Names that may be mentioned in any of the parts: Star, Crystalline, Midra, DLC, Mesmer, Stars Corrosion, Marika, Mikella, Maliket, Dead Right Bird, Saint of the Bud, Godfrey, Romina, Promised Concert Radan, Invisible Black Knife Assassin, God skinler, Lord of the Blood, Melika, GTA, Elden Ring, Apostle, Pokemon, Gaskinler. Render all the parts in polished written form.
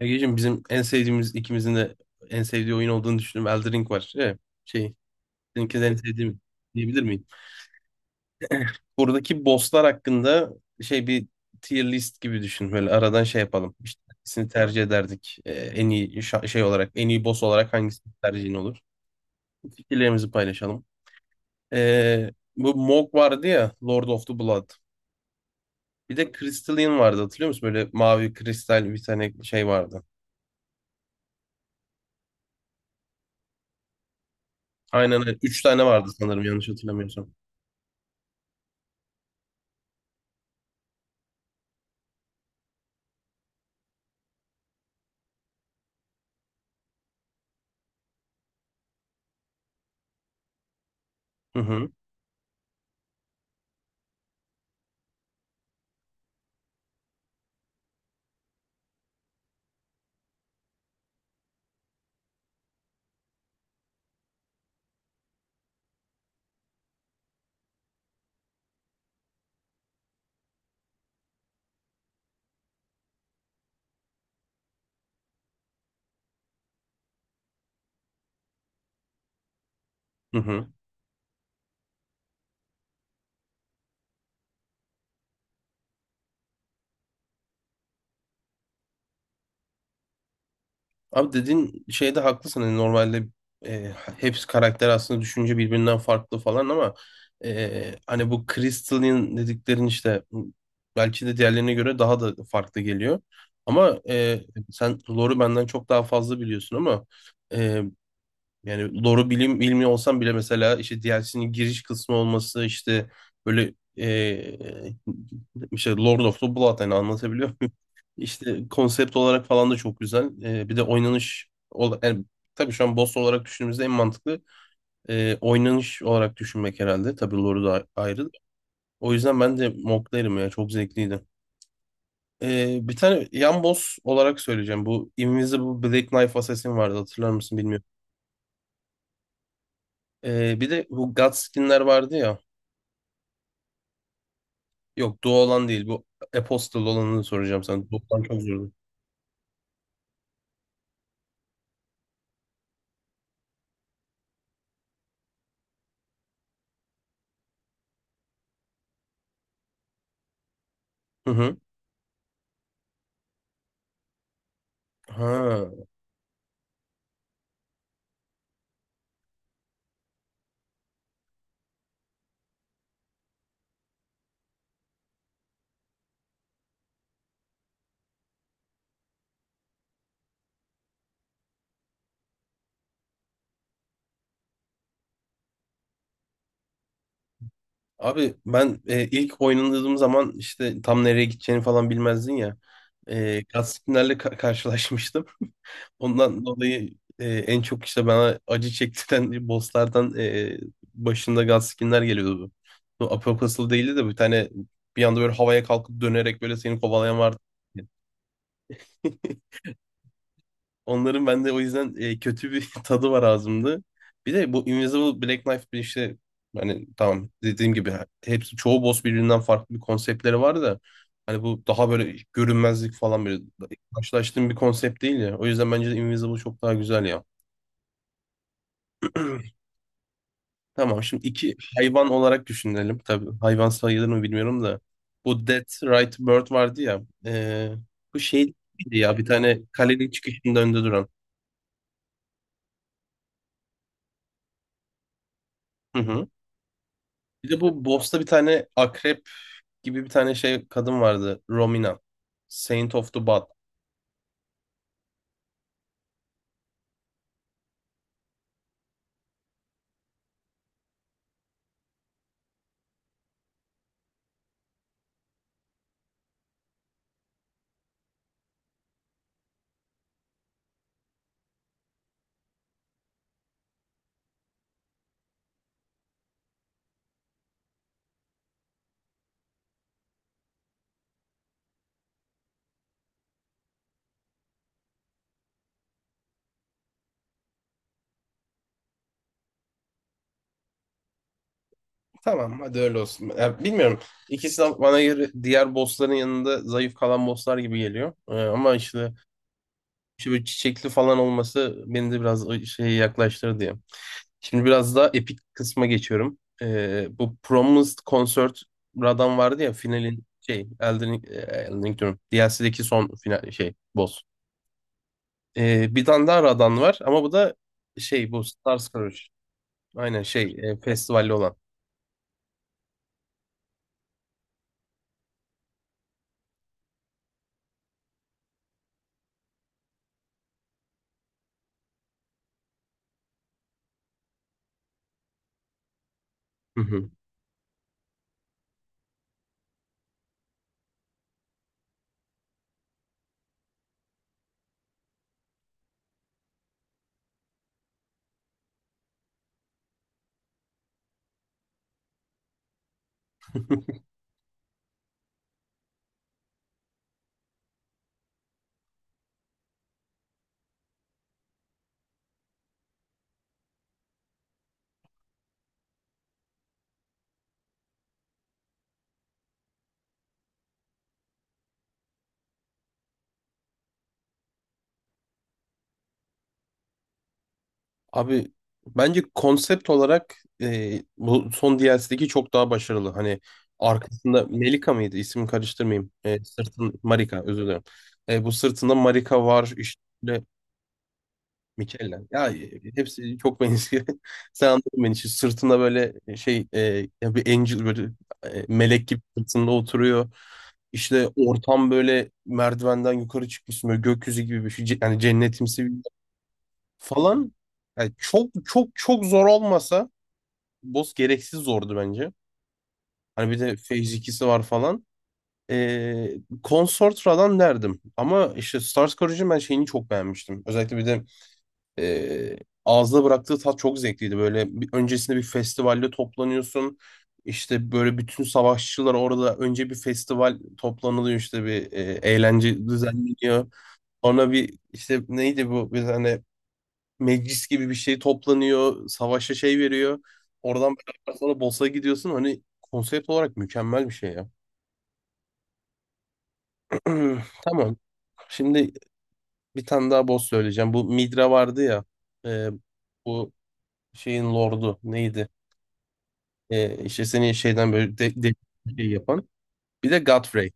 Egeciğim bizim en sevdiğimiz ikimizin de en sevdiği oyun olduğunu düşündüğüm Elden Ring var. Şey, seninkini de en sevdiğim diyebilir miyim? Buradaki bosslar hakkında şey bir tier list gibi düşün. Böyle aradan şey yapalım. İşte hangisini tercih ederdik? En iyi en iyi boss olarak hangisinin tercihin olur? Fikirlerimizi paylaşalım. Ee, bu Mog vardı ya, Lord of the Blood. Bir de Crystalline vardı hatırlıyor musun? Böyle mavi kristal bir tane şey vardı. Aynen öyle. Üç tane vardı sanırım yanlış hatırlamıyorsam. Hı hı. Hı hı. Abi dediğin şeyde haklısın. Hani normalde e, hepsi karakter aslında düşünce birbirinden farklı falan ama hani bu Crystal'in dediklerin işte belki de diğerlerine göre daha da farklı geliyor. Ama sen lore'u benden çok daha fazla biliyorsun ama e, yani doğru bilim bilmiyor olsam bile mesela işte DLC'nin giriş kısmı olması işte böyle işte Lord of the Blood hani anlatabiliyor muyum? İşte konsept olarak falan da çok güzel. Bir de oynanış yani tabii şu an boss olarak düşündüğümüzde en mantıklı oynanış olarak düşünmek herhalde. Tabii Lord'u da ayrı. O yüzden ben de moklarım ya çok zevkliydi. Bir tane yan boss olarak söyleyeceğim. Bu Invisible Black Knife Assassin vardı hatırlar mısın bilmiyorum. Bir de bu God skinler vardı ya. Yok, Doğu olan değil. Bu Apostle olanını soracağım sana. Doğu olan çok zordu. Hı hı. Ha. Abi ben ilk oynadığım zaman işte tam nereye gideceğini falan bilmezdin ya. Gaspinler'le karşılaşmıştım. Ondan dolayı en çok işte bana acı çektiren bosslardan başında Gaskinler geliyordu. Bu Apostle değildi de bir tane bir anda böyle havaya kalkıp dönerek böyle seni kovalayan vardı. Onların bende o yüzden kötü bir tadı var ağzımda. Bir de bu Invisible Black Knife bir işte, hani tamam dediğim gibi hepsi çoğu boss birbirinden farklı bir konseptleri var da hani bu daha böyle görünmezlik falan böyle karşılaştığım bir konsept değil ya. O yüzden bence de Invisible çok daha güzel ya. Tamam, şimdi iki hayvan olarak düşünelim. Tabii hayvan sayılır mı bilmiyorum da. Bu Dead Right Bird vardı ya. Bu şey ya, bir tane kalenin çıkışının önünde duran. Hı hı. Bir de bu boss'ta bir tane akrep gibi bir tane şey kadın vardı. Romina. Saint of the Bud. Tamam hadi öyle olsun. Ya, bilmiyorum. İkisi de bana göre diğer bossların yanında zayıf kalan bosslar gibi geliyor. Ama işte böyle çiçekli falan olması beni de biraz o şeye yaklaştırdı diye. Şimdi biraz daha epik kısma geçiyorum. Bu Promised Concert Radan vardı ya, finalin Elden Ring diyorum. DLC'deki son final şey boss. Bir tane daha Radan var ama bu da şey, bu Star, aynen şey festivalli olan. Hı hı. Abi bence konsept olarak bu son DLC'deki çok daha başarılı. Hani arkasında Melika mıydı? İsim karıştırmayayım. Sırtın Marika, özür dilerim. Bu sırtında Marika var işte, Mikella. Ya hepsi çok benziyor. Sen anladın beni. Şimdi sırtında böyle şey, ya bir angel, böyle melek gibi sırtında oturuyor. İşte ortam böyle merdivenden yukarı çıkmışsın, böyle gökyüzü gibi bir şey. Yani cennetimsi falan, yani çok çok çok zor olmasa boss gereksiz zordu bence. Hani bir de Phase 2'si var falan. Ee, Consortra'dan derdim. Ama işte Stars Corrosion ben şeyini çok beğenmiştim. Özellikle bir de ee, ağızda bıraktığı tat çok zevkliydi. Böyle bir, öncesinde bir festivalde toplanıyorsun. İşte böyle bütün savaşçılar orada önce bir festival toplanılıyor, işte bir eğlence düzenleniyor. Ona bir işte neydi bu, bir tane meclis gibi bir şey toplanıyor. Savaşa şey veriyor. Oradan beraber sonra boss'a gidiyorsun. Hani konsept olarak mükemmel bir şey ya. Tamam. Şimdi bir tane daha boss söyleyeceğim. Bu Midra vardı ya. e, bu şeyin lordu neydi? E, işte seni şeyden böyle şey yapan. Bir de Godfrey.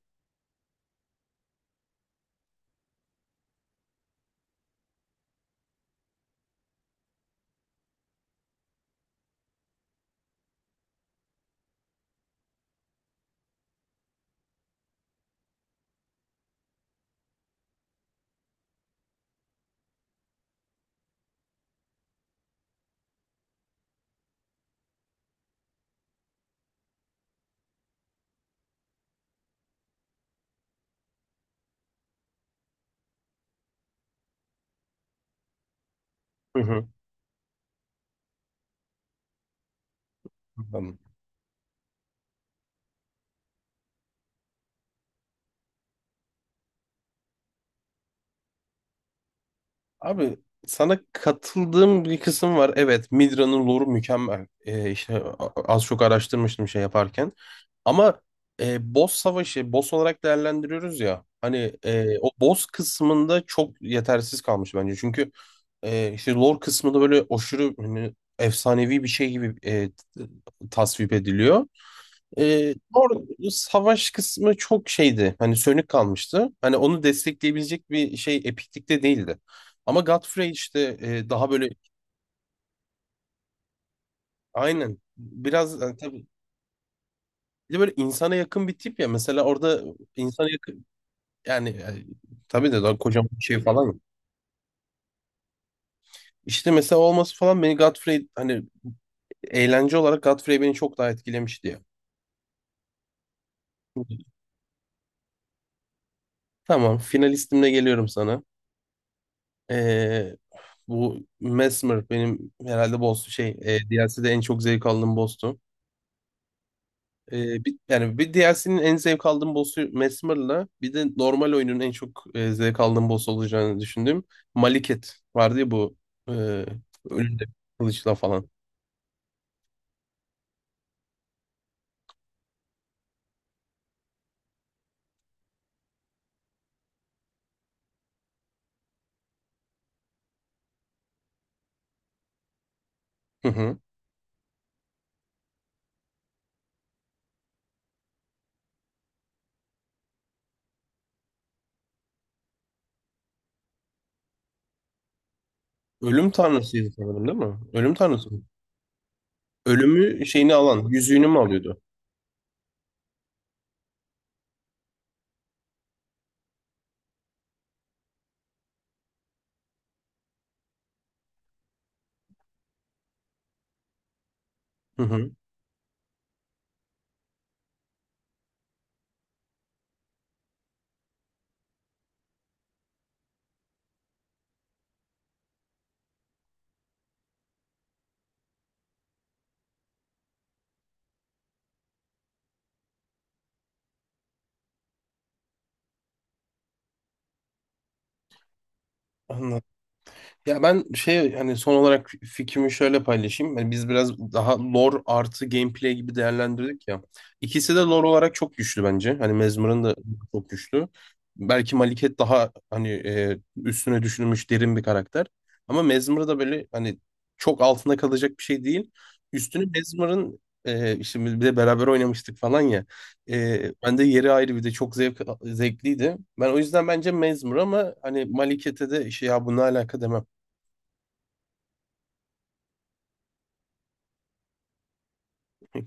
Hı hı. Tamam. Abi sana katıldığım bir kısım var. Evet, Midra'nın lore'u mükemmel. İşte az çok araştırmıştım şey yaparken. Ama boss savaşı, boss olarak değerlendiriyoruz ya. Hani o boss kısmında çok yetersiz kalmış bence. Çünkü işte lore kısmında böyle aşırı, hani efsanevi bir şey gibi tasvip ediliyor. Ee, or- savaş kısmı çok şeydi. Hani sönük kalmıştı. Hani onu destekleyebilecek bir şey epiklikte değildi. Ama Godfrey işte daha böyle, aynen biraz yani, tabii bir de böyle insana yakın bir tip ya. Mesela orada insana yakın, yani, tabii de daha kocaman bir şey falan. Yok. İşte mesela olması falan, beni Godfrey hani, eğlence olarak Godfrey beni çok daha etkilemişti ya. Tamam, finalistimle geliyorum sana. Ee, bu Mesmer benim herhalde boss şey, DLC'de en çok zevk aldığım boss'tu. Bir, yani bir DLC'nin en zevk aldığım boss'u Mesmer'la bir de normal oyunun en çok zevk aldığım boss olacağını düşündüğüm Maliket vardı ya, bu e, ölümde kılıçla falan. Hı hı. Ölüm tanrısıydı sanırım, değil mi? Ölüm tanrısı mı? Ölümü şeyini alan, yüzüğünü mü alıyordu? Hı hı. Anladım. Ya ben şey, hani son olarak fikrimi şöyle paylaşayım. Hani biz biraz daha lore artı gameplay gibi değerlendirdik ya. İkisi de lore olarak çok güçlü bence. Hani Mesmer'ın da çok güçlü. Belki Maliket daha hani üstüne düşünülmüş derin bir karakter. Ama Mesmer da böyle hani çok altında kalacak bir şey değil. Üstüne Mesmer'ın işte biz bir de beraber oynamıştık falan ya. Ben de yeri ayrı, bir de çok zevkliydi. Ben o yüzden bence Mesmer, ama hani Maliket'e de şey ya bu ne alaka demem.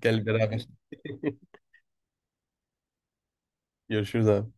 Gel beraber. Görüşürüz abi.